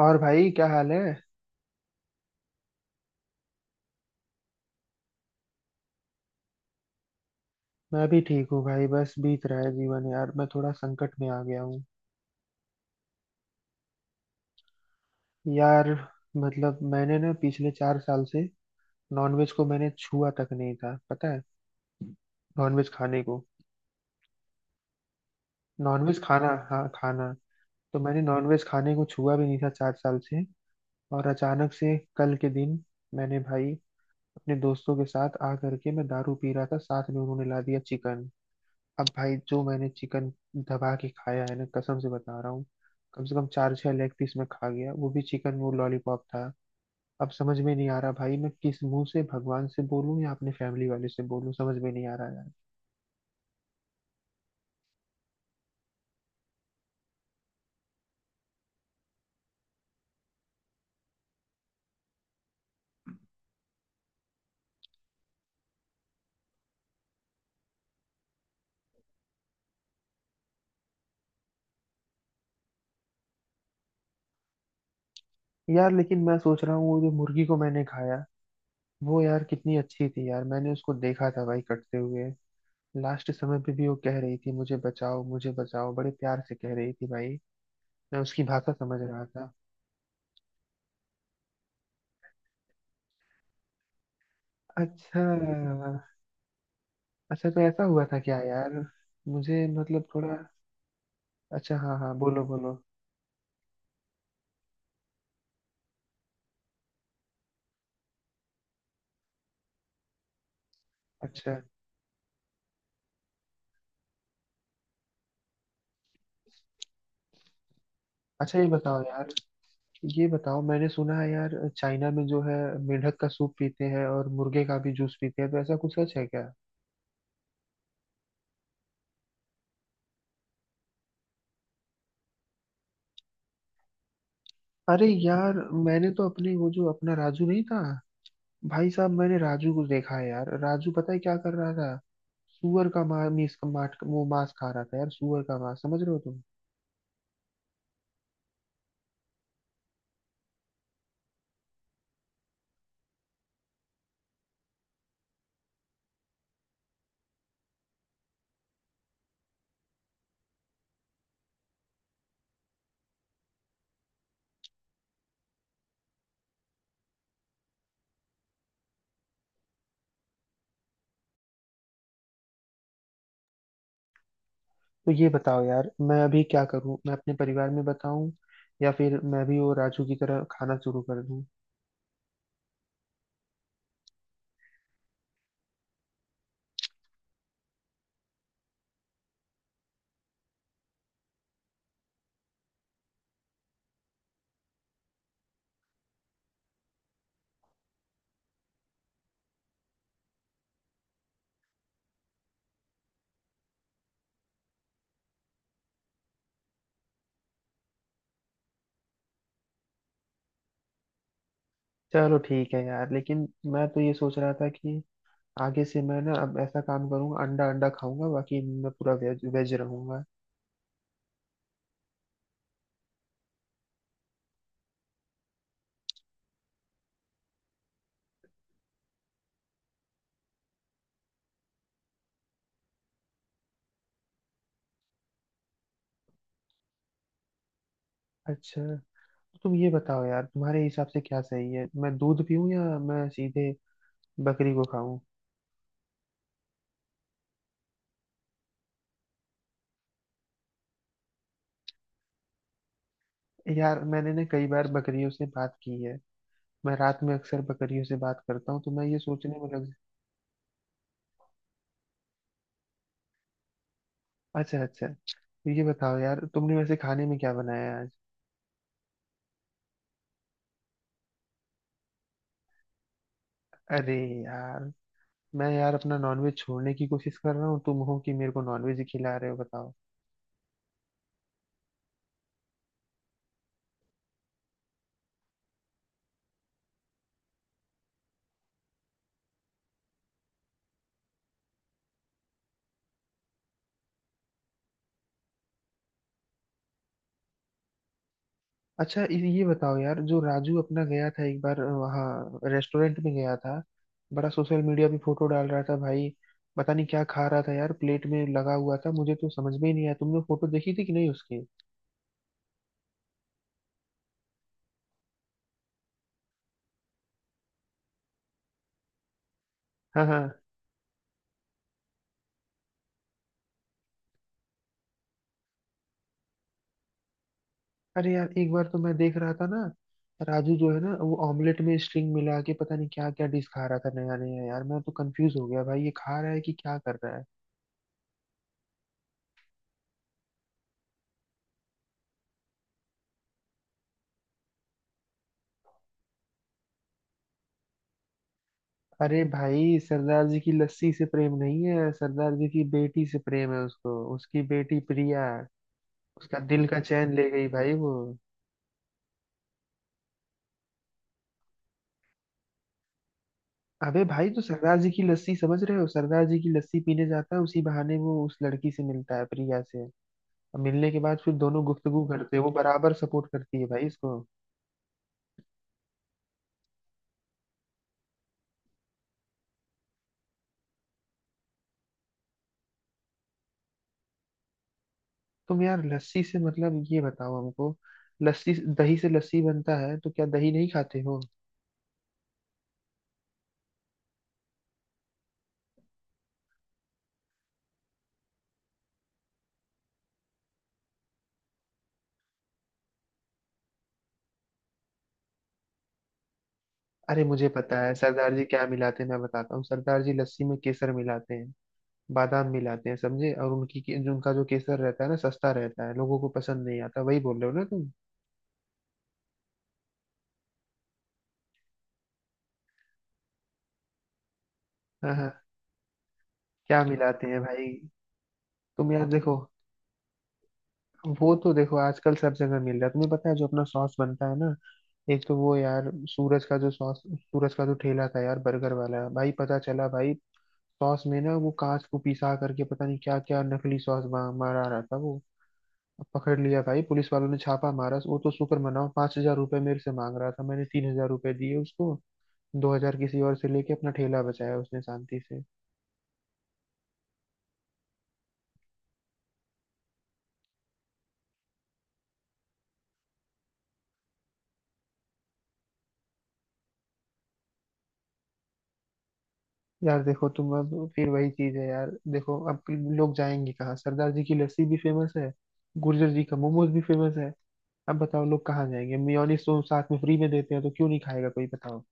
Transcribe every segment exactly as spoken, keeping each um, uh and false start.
और भाई क्या हाल है? मैं भी ठीक हूँ भाई। बस बीत रहा है जीवन यार। मैं थोड़ा संकट में आ गया हूँ। यार मतलब मैंने ना पिछले चार साल से नॉनवेज को मैंने छुआ तक नहीं था, पता है? नॉनवेज खाने को, नॉनवेज खाना, हाँ खाना। तो मैंने नॉनवेज खाने को छुआ भी नहीं था चार साल से। और अचानक से कल के दिन मैंने भाई अपने दोस्तों के साथ आ करके मैं दारू पी रहा था, साथ में उन्होंने ला दिया चिकन। अब भाई जो मैंने चिकन दबा के खाया है ना, कसम से बता रहा हूँ। कम से कम चार छह लेग पीस मैं खा गया, वो भी चिकन, वो लॉलीपॉप था। अब समझ में नहीं आ रहा भाई, मैं किस मुंह से भगवान से बोलूं या अपने फैमिली वाले से बोलूं, समझ में नहीं आ रहा यार। यार लेकिन मैं सोच रहा हूँ, वो जो मुर्गी को मैंने खाया, वो यार कितनी अच्छी थी यार। मैंने उसको देखा था भाई कटते हुए। लास्ट समय पे भी वो कह रही थी मुझे बचाओ मुझे बचाओ, बड़े प्यार से कह रही थी भाई। मैं उसकी भाषा समझ रहा था। अच्छा। अच्छा, तो ऐसा हुआ था क्या यार? मुझे मतलब थोड़ा। अच्छा, हाँ हाँ, बोलो बोलो। अच्छा। अच्छा ये बताओ यार, ये बताओ, मैंने सुना है यार चाइना में जो है, मेंढक का सूप पीते हैं और मुर्गे का भी जूस पीते हैं, तो ऐसा कुछ सच है क्या? अरे यार, मैंने तो अपने, वो जो अपना राजू नहीं था, भाई साहब मैंने राजू को देखा है यार। राजू पता है क्या कर रहा था? सुअर का मा, मीस, माट, वो मांस खा रहा था यार। सुअर का मांस, समझ रहे हो तुम? तो ये बताओ यार, मैं अभी क्या करूं? मैं अपने परिवार में बताऊं, या फिर मैं भी वो राजू की तरह खाना शुरू कर दूं? चलो ठीक है यार, लेकिन मैं तो ये सोच रहा था कि आगे से मैं ना अब ऐसा काम करूंगा, अंडा अंडा खाऊंगा, बाकी मैं पूरा वेज वेज रहूंगा। अच्छा, तो तुम ये बताओ यार, तुम्हारे हिसाब से क्या सही है? मैं दूध पीऊं, या मैं सीधे बकरी को खाऊं? यार मैंने ना कई बार बकरियों से बात की है। मैं रात में अक्सर बकरियों से बात करता हूँ, तो मैं ये सोचने में लग। अच्छा, अच्छा तो ये बताओ यार, तुमने वैसे खाने में क्या बनाया आज? अरे यार, मैं यार अपना नॉनवेज छोड़ने की कोशिश कर रहा हूँ, तुम हो कि मेरे को नॉनवेज ही खिला रहे हो, बताओ। अच्छा, ये ये बताओ यार, जो राजू अपना गया था एक बार, वहाँ रेस्टोरेंट में गया था, बड़ा सोशल मीडिया पे फोटो डाल रहा था भाई। पता नहीं क्या खा रहा था यार, प्लेट में लगा हुआ था, मुझे तो समझ में ही नहीं आया, तुमने फोटो देखी थी कि नहीं उसकी? हाँ हाँ। अरे यार एक बार तो मैं देख रहा था ना, राजू जो है ना, वो ऑमलेट में स्ट्रिंग मिला के पता नहीं क्या क्या डिश खा रहा था नया नया, यार मैं तो कंफ्यूज हो गया भाई, ये खा रहा है कि क्या कर रहा है? अरे भाई, सरदार जी की लस्सी से प्रेम नहीं है, सरदार जी की बेटी से प्रेम है उसको, उसकी बेटी प्रिया उसका दिल का चैन ले गई भाई वो। अबे भाई, तो सरदार जी की लस्सी, समझ रहे हो? सरदार जी की लस्सी पीने जाता है, उसी बहाने वो उस लड़की से मिलता है, प्रिया से। और मिलने के बाद फिर दोनों गुफ्तगू करते हैं, वो बराबर सपोर्ट करती है भाई इसको। तुम यार लस्सी से मतलब, ये बताओ हमको, लस्सी दही से लस्सी बनता है, तो क्या दही नहीं खाते हो? अरे मुझे पता है सरदार जी क्या मिलाते हैं, मैं बताता हूँ। सरदार जी लस्सी में केसर मिलाते हैं, बादाम मिलाते हैं, समझे? और उनकी के- जो उनका जो केसर रहता है ना, सस्ता रहता है, लोगों को पसंद नहीं आता, वही बोल रहे हो ना तुम? हाँ हाँ। क्या मिलाते हैं भाई? तुम यार देखो, वो तो देखो आजकल सब जगह मिल रहा है, तुम्हें पता है जो अपना सॉस बनता है ना, एक तो वो यार सूरज का जो सॉस, सूरज का जो ठेला था यार बर्गर वाला भाई, पता चला भाई सॉस में ना वो कांच को पिसा करके पता नहीं क्या क्या नकली सॉस बा- मारा रहा था वो। अब पकड़ लिया भाई, पुलिस वालों ने छापा मारा, वो तो शुक्र मनाओ। पांच हजार रुपये मेरे से मांग रहा था, मैंने तीन हजार रुपये दिए उसको, दो हजार किसी और से लेके अपना ठेला बचाया उसने शांति से। यार देखो, तुम अब फिर वही चीज है यार, देखो अब लोग जाएंगे कहाँ? सरदार जी की लस्सी भी फेमस है, गुर्जर जी का मोमोज भी फेमस है, अब बताओ लोग कहाँ जाएंगे? मियोनिस तो साथ में फ्री में देते हैं, तो क्यों नहीं खाएगा कोई, बताओ।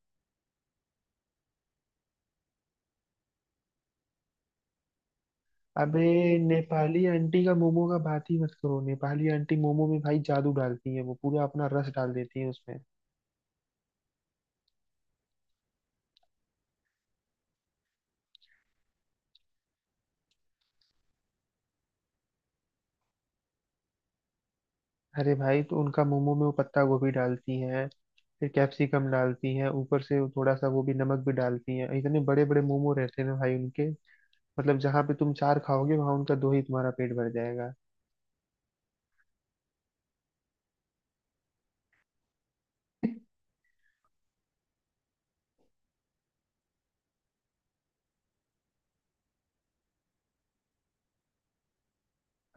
अबे, नेपाली आंटी का मोमो का बात ही मत करो, नेपाली आंटी मोमो में भाई जादू डालती है, वो पूरा अपना रस डाल देती है उसमें। अरे भाई, तो उनका मोमो में वो पत्ता गोभी डालती हैं, फिर कैप्सिकम डालती हैं ऊपर से, वो थोड़ा सा वो भी नमक भी डालती हैं। इतने बड़े बड़े मोमो रहते हैं ना भाई उनके, मतलब जहाँ पे तुम चार खाओगे वहां उनका दो ही तुम्हारा पेट भर जाएगा।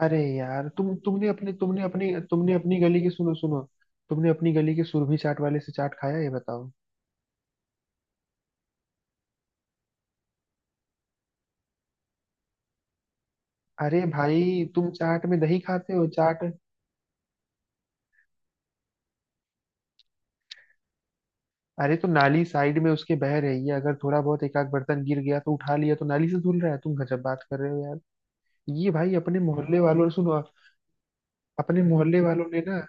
अरे यार तुम तुमने अपने तुमने अपनी तुमने अपनी गली के सुनो सुनो, तुमने अपनी गली के सुरभि चाट वाले से चाट खाया, ये बताओ? अरे भाई, तुम चाट में दही खाते हो, चाट। अरे तो नाली साइड में उसके बह रही है, अगर थोड़ा बहुत एक आध बर्तन गिर गया तो उठा लिया तो नाली से धुल रहा है, तुम गजब बात कर रहे हो यार। ये भाई अपने मोहल्ले वालों ने सुनो, अपने मोहल्ले वालों ने ना,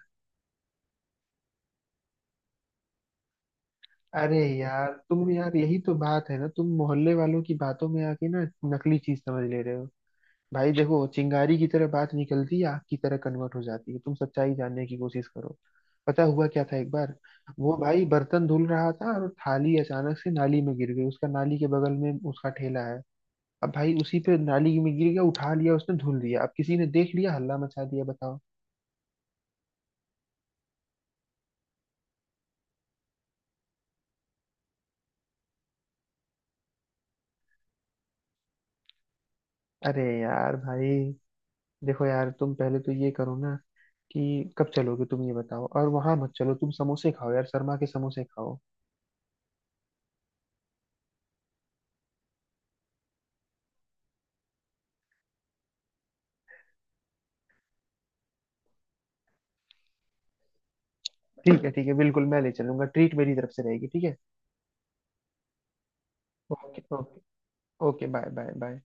अरे यार तुम यार, यही तो बात है ना, तुम मोहल्ले वालों की बातों में आके ना नकली चीज समझ ले रहे हो। भाई देखो, चिंगारी की तरह बात निकलती है, आग की तरह कन्वर्ट हो जाती है, तुम सच्चाई जानने की कोशिश करो। पता हुआ क्या था एक बार? वो भाई बर्तन धुल रहा था और थाली अचानक से नाली में गिर गई, उसका नाली के बगल में उसका ठेला है। अब भाई उसी पे नाली में गिर गया, उठा लिया उसने धुल दिया, अब किसी ने देख लिया हल्ला मचा दिया, बताओ। अरे यार भाई, देखो यार, तुम पहले तो ये करो ना कि कब चलोगे, तुम ये बताओ, और वहां मत चलो, तुम समोसे खाओ यार, शर्मा के समोसे खाओ। ठीक है ठीक है, बिल्कुल मैं ले चलूंगा, ट्रीट मेरी तरफ से रहेगी, ठीक है? Okay okay, okay bye bye bye.